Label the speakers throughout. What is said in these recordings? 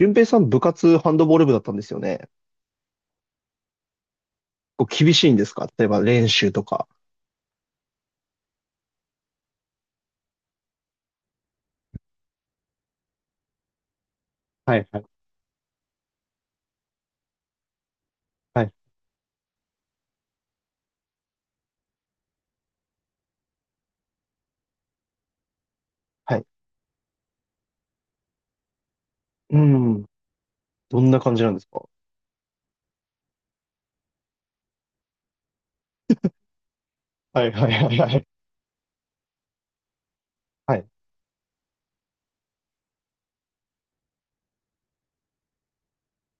Speaker 1: 俊平さん、部活ハンドボール部だったんですよね。こう厳しいんですか？例えば練習とか。はいはいはいはい。うん。どんな感じなんですか？はいはいはいはい。はい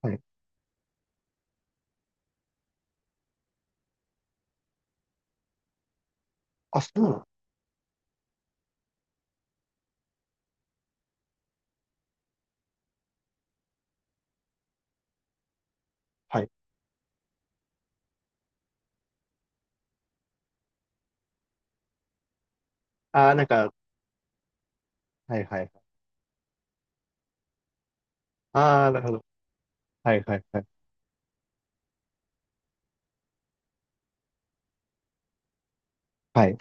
Speaker 1: はい。あ、そうなの？はい。ああ、なんか、はいはい。ああ、なるほど。はいはいはい。はい。う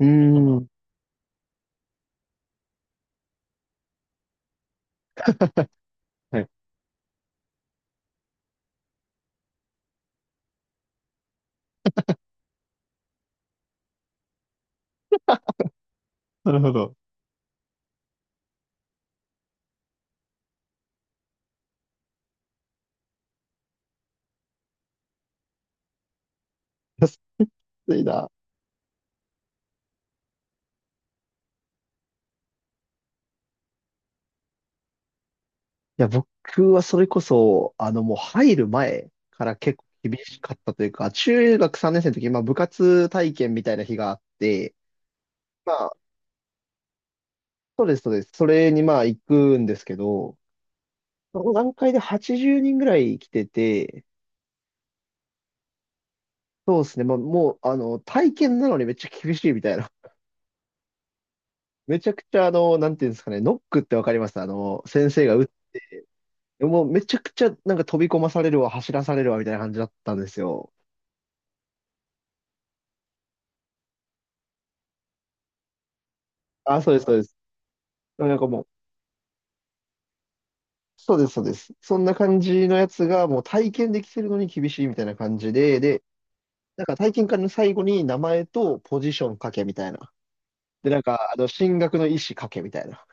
Speaker 1: ーん。はい。なるほど。いやきついな。いや、僕はそれこそ、もう入る前から結構厳しかったというか、中学3年生の時、まあ部活体験みたいな日があって、そうです、そうです。それにまあ行くんですけど、その段階で80人ぐらい来てて、そうですね、まあ、もう、体験なのにめっちゃ厳しいみたいな。めちゃくちゃ、なんていうんですかね、ノックってわかります？先生が打っ。もうめちゃくちゃなんか飛び込まされるわ、走らされるわ、みたいな感じだったんですよ。あ、そうです、そうです。なんかもう、そうです、そうです。そんな感じのやつがもう体験できてるのに厳しいみたいな感じで、で、なんか体験会の最後に名前とポジション書けみたいな。で、なんか、進学の意思かけみたいな。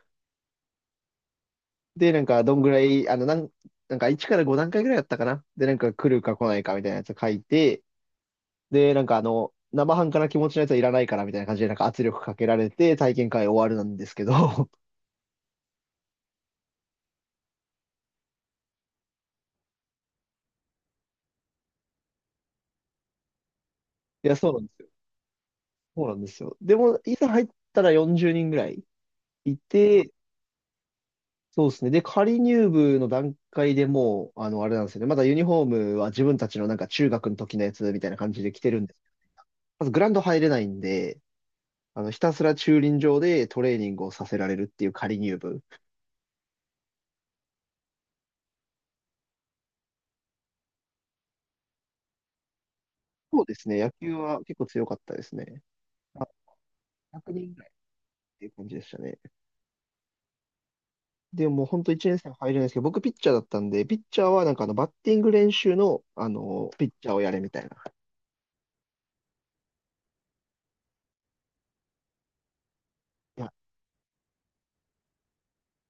Speaker 1: で、なんか、どんぐらい、なんか1から5段階ぐらいだったかな。で、なんか来るか来ないかみたいなやつ書いて、で、なんか生半可な気持ちのやつはいらないからみたいな感じで、なんか圧力かけられて体験会終わるなんですけど、いや、そうなんですよ。そうなんですよ。でも、いざ入ったら40人ぐらいいて、そうですね。で、仮入部の段階でもう、あれなんですよね。まだユニフォームは自分たちのなんか中学の時のやつみたいな感じで着てるんです。まずグラウンド入れないんで、ひたすら駐輪場でトレーニングをさせられるっていう仮入部。そうですね、野球は結構強かったですね。あ、100人ぐらいっていう感じでしたね。でももう本当1年生入れないですけど、僕ピッチャーだったんで、ピッチャーはなんかバッティング練習の、ピッチャーをやれみたいな。いや、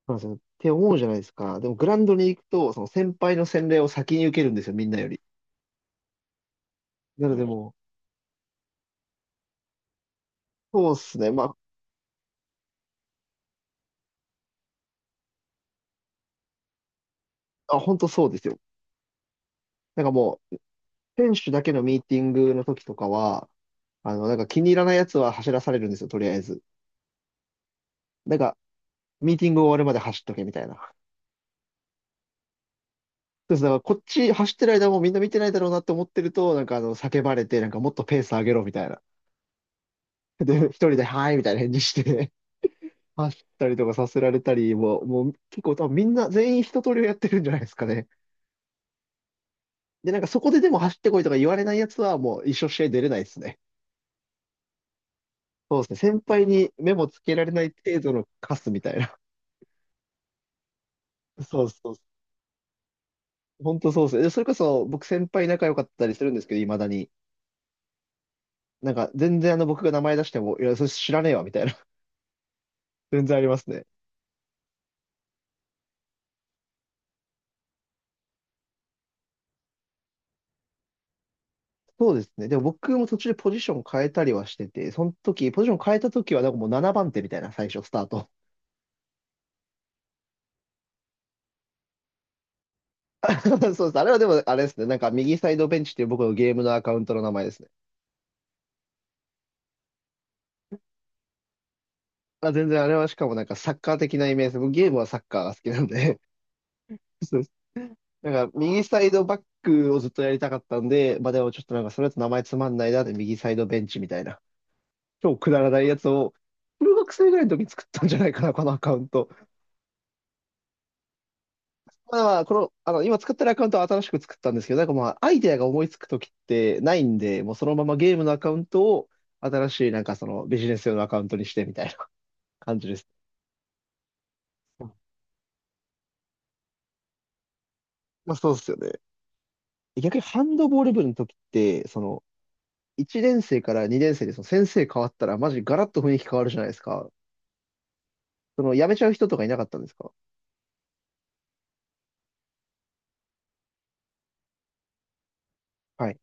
Speaker 1: そうなんですよ。って思うじゃないですか。でもグラウンドに行くと、その先輩の洗礼を先に受けるんですよ、みんなより。なのでもう、そうっすね。まあ、あ、本当そうですよ。なんかもう、選手だけのミーティングの時とかは、なんか気に入らないやつは走らされるんですよ、とりあえず。なんか、ミーティング終わるまで走っとけみたいな。そうです。だからこっち走ってる間もみんな見てないだろうなって思ってると、なんか叫ばれて、なんかもっとペース上げろみたいな。で、一人で、はい、みたいな返事して 走ったりとかさせられたり、もう結構多分みんな全員一通りをやってるんじゃないですかね。で、なんかそこででも走ってこいとか言われないやつはもう一生試合出れないですね。そうですね。先輩に目もつけられない程度のカスみたいな。そうそう、本当そうですね。でそれこそ、僕先輩仲良かったりするんですけど、未だに。なんか、全然僕が名前出しても、いや、それ知らねえわ、みたいな。全然ありますね。そうですね。でも僕も途中でポジション変えたりはしてて、その時、ポジション変えた時は、なんかもう7番手みたいな、最初、スタート。そうです。あれはでも、あれですね。なんか、右サイドベンチっていう僕のゲームのアカウントの名前ですね。まあ、全然あれはしかもなんかサッカー的なイメージです。僕ゲームはサッカーが好きなんで。そうです。なんか、右サイドバックをずっとやりたかったんで、まあでもちょっとなんか、それだと名前つまんないなで、右サイドベンチみたいな。超くだらないやつを、中学生ぐらいの時に作ったんじゃないかな、このアカウント。まあまあ、この、今使ってるアカウントは新しく作ったんですけど、なんかまあ、アイデアが思いつく時ってないんで、もうそのままゲームのアカウントを、新しいなんかそのビジネス用のアカウントにしてみたいな感じです。うん。まあそうですよね。逆にハンドボール部の時って、その、1年生から2年生でその先生変わったら、マジガラッと雰囲気変わるじゃないですか。その、辞めちゃう人とかいなかったんですか？はい。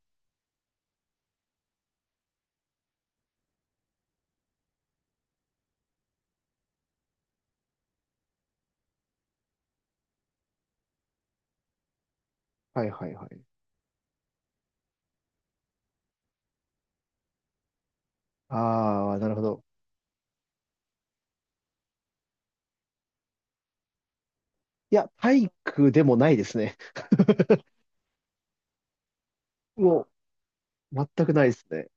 Speaker 1: はいはいはい。ああ、なるほど。いや、体育でもないですね。もう、全くないですね。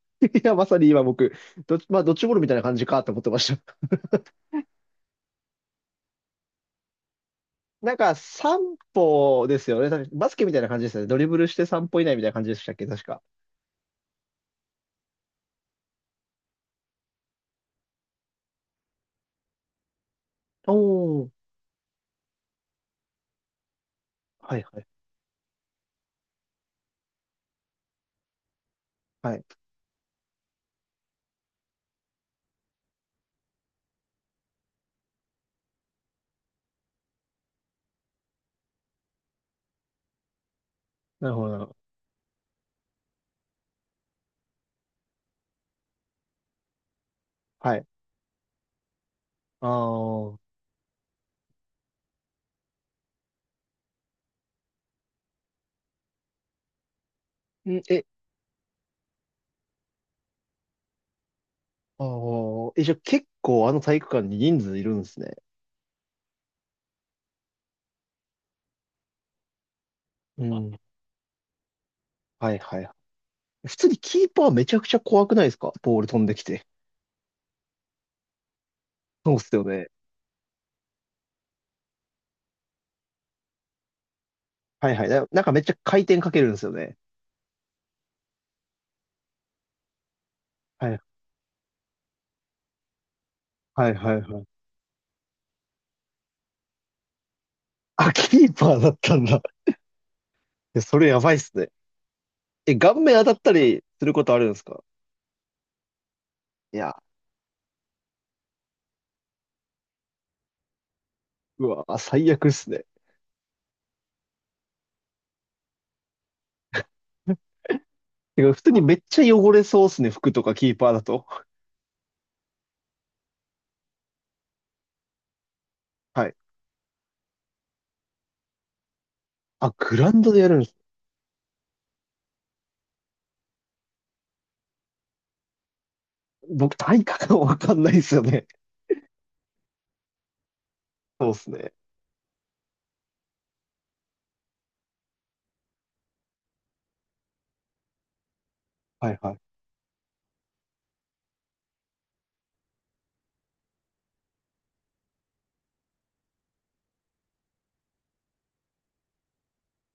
Speaker 1: いや、まさに今僕、まあ、ドッジボールみたいな感じかと思ってました。なんか、散歩ですよね。確かバスケみたいな感じですよね。ドリブルして散歩以内みたいな感じでしたっけ、確か。おー。はいはい。はい。なるほど、なるほど。はい。あー。んえ、あー。え、じゃあ結構あの体育館に人数いるんですね。うん。はいはい。普通にキーパーめちゃくちゃ怖くないですか？ボール飛んできて。そうっすよね。はいはい。なんかめっちゃ回転かけるんですよね。はいはいはいはい。あ、キーパーだったんだ。え、それやばいっすね。え、顔面当たったりすることあるんですか？いや、うわ、最悪っすね。てか、普通にめっちゃ汚れそうっすね、服とかキーパーだと。はい。あ、グラウンドでやるんです僕、体感がわかんないっすよね。そうっすね。はいはい。